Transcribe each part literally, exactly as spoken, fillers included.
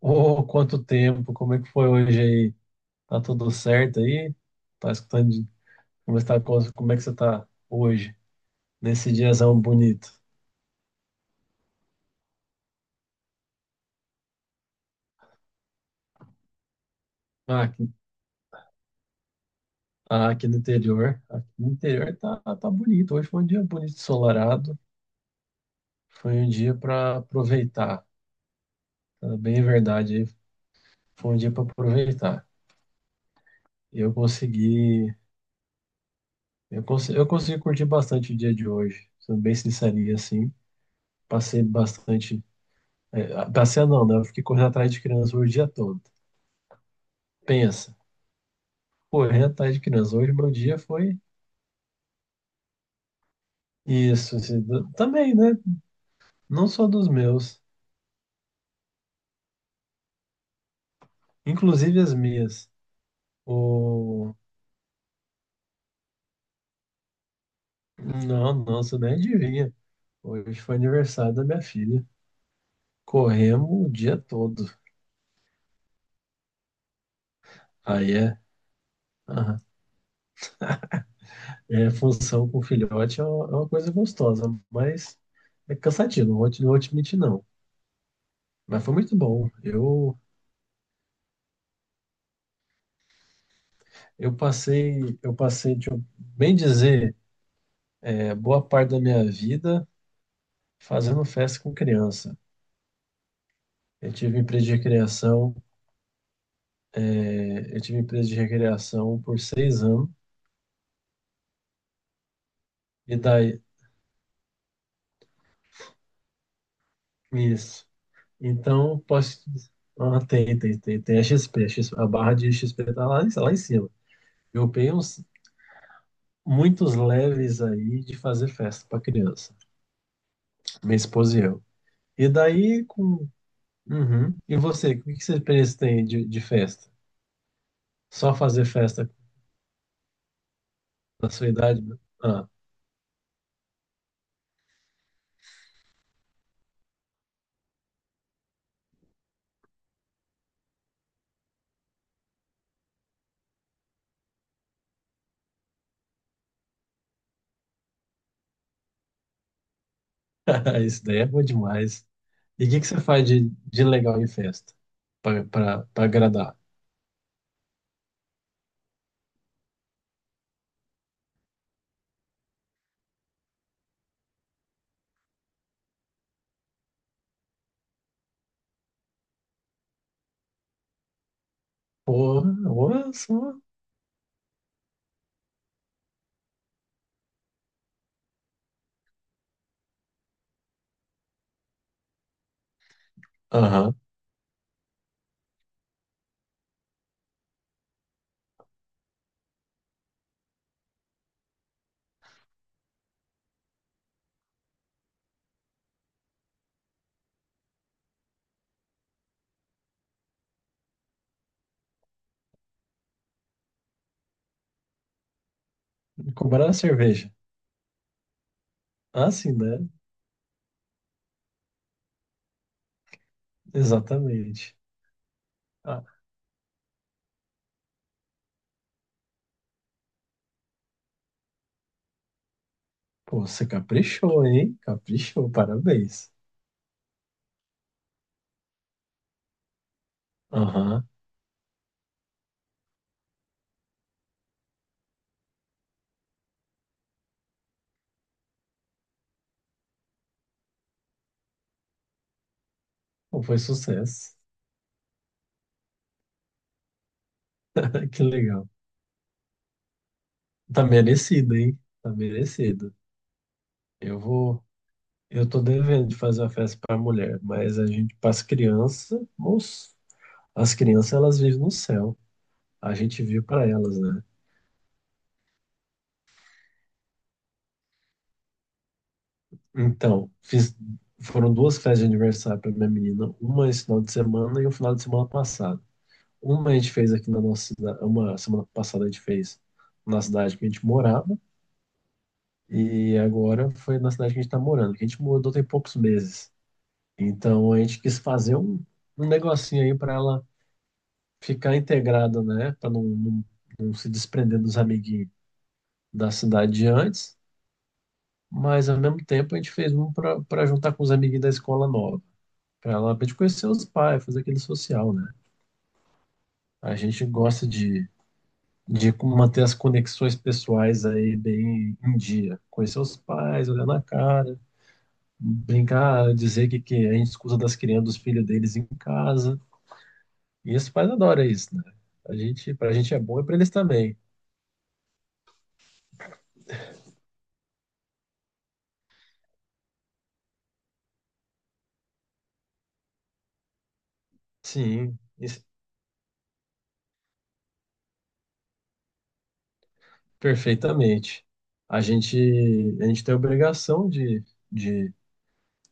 Ô, quanto tempo, como é que foi hoje aí? Tá tudo certo aí? Tá escutando de- como está, como é que você tá hoje, nesse diazão bonito? Ah, aqui, ah, aqui no interior, aqui no interior tá, tá bonito. Hoje foi um dia bonito, ensolarado. Foi um dia para aproveitar, tá bem verdade aí. Foi um dia para aproveitar. E Eu consegui, eu consegui, eu consegui curtir bastante o dia de hoje, sendo bem sincerinho assim. Passei bastante, é, passei não, né? Eu fiquei correndo atrás de criança o dia todo. Pensa, correr atrás de criança. Hoje meu dia foi isso, assim, do- também, né? Não só dos meus, inclusive as minhas. O... Não, nossa, nem adivinha. Hoje foi aniversário da minha filha. Corremos o dia todo. Aí é, aham. É função com filhote é uma, é uma coisa gostosa, mas é cansativo, não vou te, não vou te mentir, não. Mas foi muito bom. Eu, eu passei, eu passei, deixa eu bem dizer, é, boa parte da minha vida fazendo festa com criança. Eu tive empresa de recreação, eh, eu tive empresa de recreação por seis anos, e daí, isso. Então, posso. te dizer- ah, tem, tem, tem, tem a X P, a X P, a barra de X P tá lá, em- lá em cima. Eu tenho uns- muitos leves aí de fazer festa para criança, minha esposa e eu. E daí, com. Uhum. E você, o que que você pensa tem de, de festa? Só fazer festa na sua idade, né? Ah, isso daí é bom demais. E o que, que você faz de, de legal em festa? Pra, pra, pra agradar? Porra, olha só. Aham. Cobrar a cerveja. Ah, sim, né? Exatamente. Ah, pô, você caprichou, hein? Caprichou, parabéns. Aham. Pô, foi sucesso. Que legal. Tá merecido, hein? Tá merecido. Eu vou. Eu tô devendo de fazer uma festa pra mulher, mas a gente, pras crianças, moço, as crianças elas vivem no céu. A gente vive pra elas, né? Então, fiz, foram duas festas de aniversário para minha menina, uma esse final de semana e um final de semana passado. Uma a gente fez aqui na nossa cidade, uma semana passada a gente fez na cidade que a gente morava, e agora foi na cidade que a gente está morando, que a gente mudou tem poucos meses. Então a gente quis fazer um, um negocinho aí para ela ficar integrada, né? Para não, não, não se desprender dos amiguinhos da cidade de antes, mas ao mesmo tempo a gente fez um para juntar com os amiguinhos da escola nova. Pra ela pra gente conhecer os pais, fazer aquele social, né? A gente gosta de, de manter as conexões pessoais aí bem em dia. Conhecer os pais, olhar na cara, brincar, dizer que, que a gente escuta das crianças, dos filhos deles em casa. E os pais adoram isso, né? A gente, pra gente é bom e pra eles também. Sim, isso- perfeitamente. A gente, a gente tem a obrigação de, de,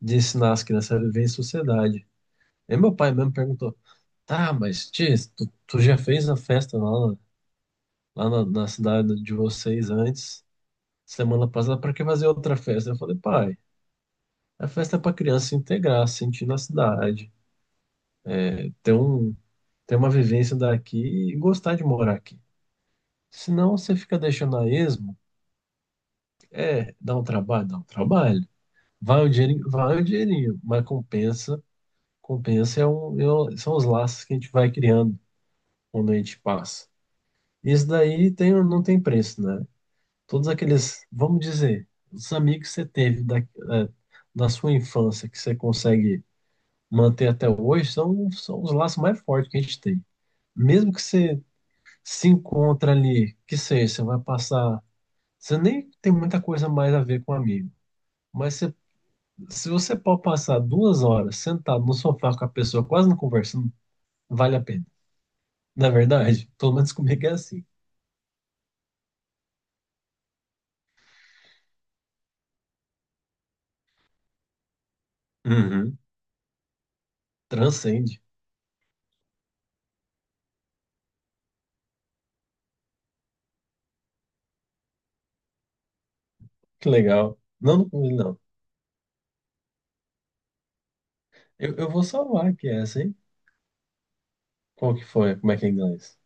de ensinar as crianças a viver em sociedade. E meu pai mesmo perguntou: Tá, mas tia, tu, tu já fez a festa lá, na- lá na, na cidade de vocês antes, semana passada, pra que fazer outra festa? Eu falei: Pai, a festa é pra criança se integrar, se sentir na cidade, ter um, ter uma vivência daqui e gostar de morar aqui. Senão você fica deixando a esmo, é, dá um trabalho, dá um trabalho. Vai o dinheirinho, vai o dinheirinho, mas compensa, compensa é um, é um- são os laços que a gente vai criando quando a gente passa. Isso daí tem, não tem preço, né? Todos aqueles, vamos dizer, os amigos que você teve da, é, da sua infância, que você consegue manter até hoje, são, são os laços mais fortes que a gente tem. Mesmo que você se encontra ali, que seja, você vai passar. Você nem tem muita coisa mais a ver com um amigo. Mas você- Se você pode passar duas horas sentado no sofá com a pessoa, quase não conversando, vale a pena. Na verdade, pelo menos comigo é assim. Uhum. Transcende. Que legal. Não, não, não. Eu, eu vou salvar aqui essa, hein? Qual que foi? Como é que é em inglês?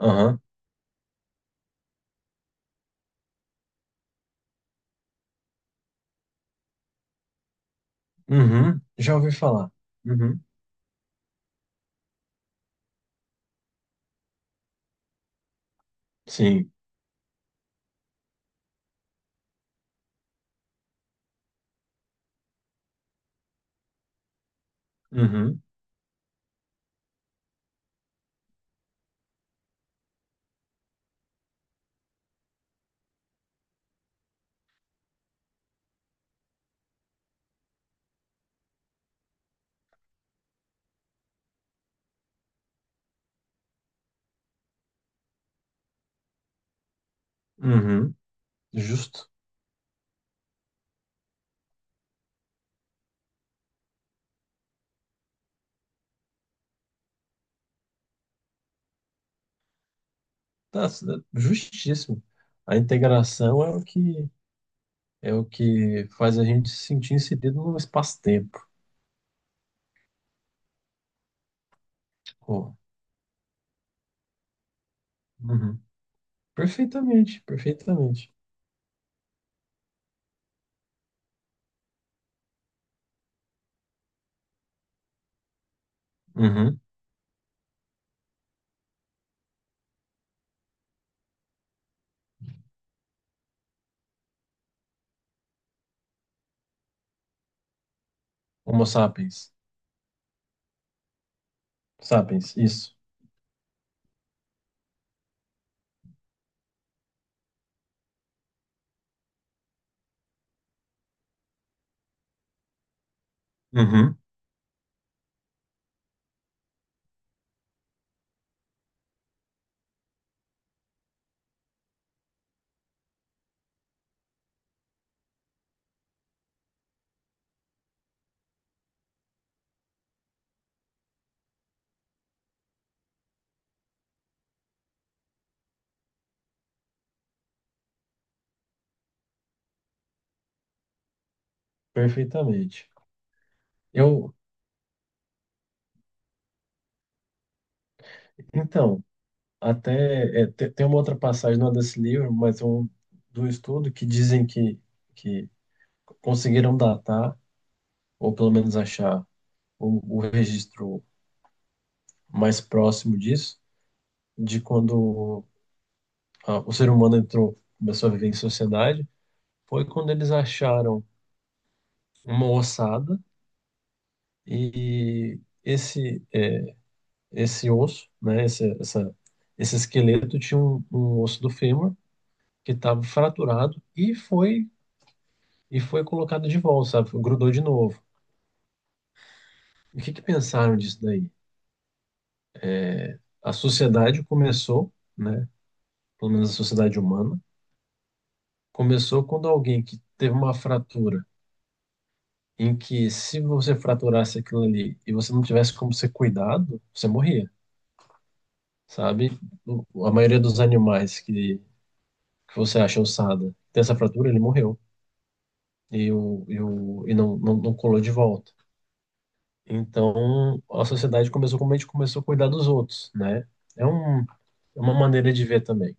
Aham. Uhum. Já ouvi falar. Uhum. Sim. Uhum. Uhum. Justo. Tá, justíssimo. A integração é o que é o que faz a gente se sentir inserido no espaço-tempo. Pô. Uhum. Perfeitamente, perfeitamente. Uhum. Homo sapiens. Sapiens, isso. Uhum. Perfeitamente. Eu, então, até é, te- tem uma outra passagem, não é desse livro, mas é um do estudo que dizem que, que conseguiram datar, ou pelo menos achar o, o registro mais próximo disso, de quando ah, o ser humano entrou, começou a viver em sociedade, foi quando eles acharam uma ossada e esse, é, esse osso, né, esse, essa, esse esqueleto tinha um, um osso do fêmur que estava fraturado e foi e foi colocado de volta, sabe? Grudou de novo. O que que pensaram disso daí? A sociedade começou, né? Pelo menos a sociedade humana, começou quando alguém que teve uma fratura em que se você fraturasse aquilo ali e você não tivesse como ser cuidado, você morria, sabe? O- A maioria dos animais que, que você acha ossada tem essa fratura, ele morreu. E, o, e, o, e não, não, não colou de volta. Então, a sociedade começou como a gente começou a cuidar dos outros, né? É um É uma maneira de ver também.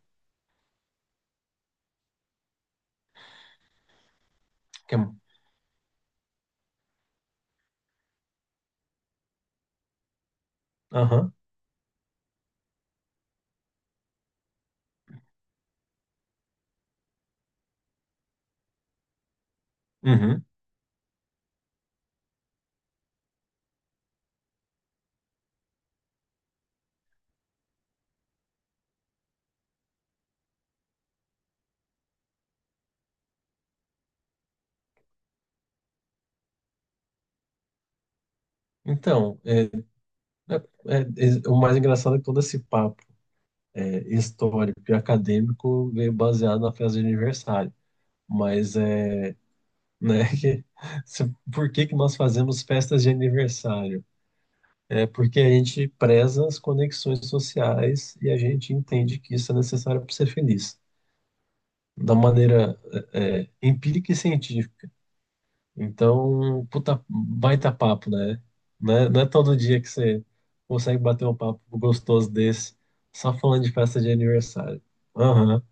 Que é- Aham, uhum. Então, é, né, é- é- é, o mais engraçado é que todo esse papo é, histórico e acadêmico veio baseado na festa de aniversário. Mas é, né, que, se- por que que nós fazemos festas de aniversário? É porque a gente preza as conexões sociais e a gente entende que isso é necessário para ser feliz. Da maneira é, é, empírica e científica. Então, puta, baita papo, né? Não é, não é todo dia que você consegue bater um papo gostoso desse, só falando de festa de aniversário. Aham,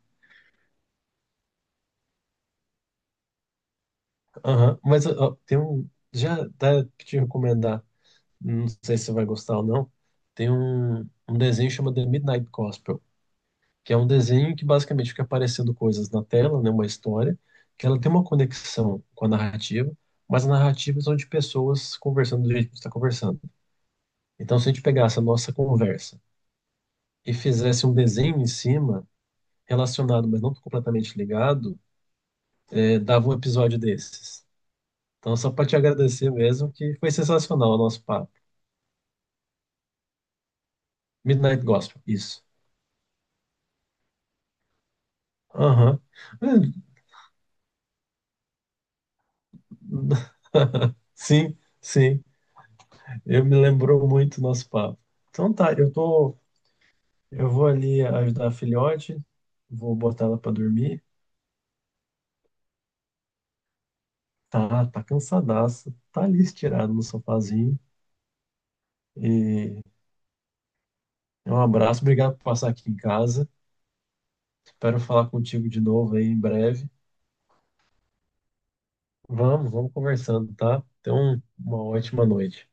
aham. Mas ó, ó, tem um. Já dá pra te recomendar, não sei se você vai gostar ou não. Tem um, um desenho chamado The Midnight Gospel, que é um desenho que basicamente fica aparecendo coisas na tela, né? Uma história, que ela tem uma conexão com a narrativa, mas a narrativa são de pessoas conversando do jeito que você está conversando. Então, se a gente pegasse a nossa conversa e fizesse um desenho em cima, relacionado, mas não completamente ligado, eh, dava um episódio desses. Então, só para te agradecer mesmo, que foi sensacional o nosso papo. Midnight Gospel, isso. Aham. Eh, Sim, sim. Eu me lembrou muito o nosso papo. Então tá, eu tô, eu vou ali ajudar a filhote, vou botar ela para dormir. Tá, tá cansadaça, tá ali estirada no sofazinho. E é um abraço, obrigado por passar aqui em casa. Espero falar contigo de novo aí em breve. Vamos, vamos conversando, tá? Então, uma ótima noite.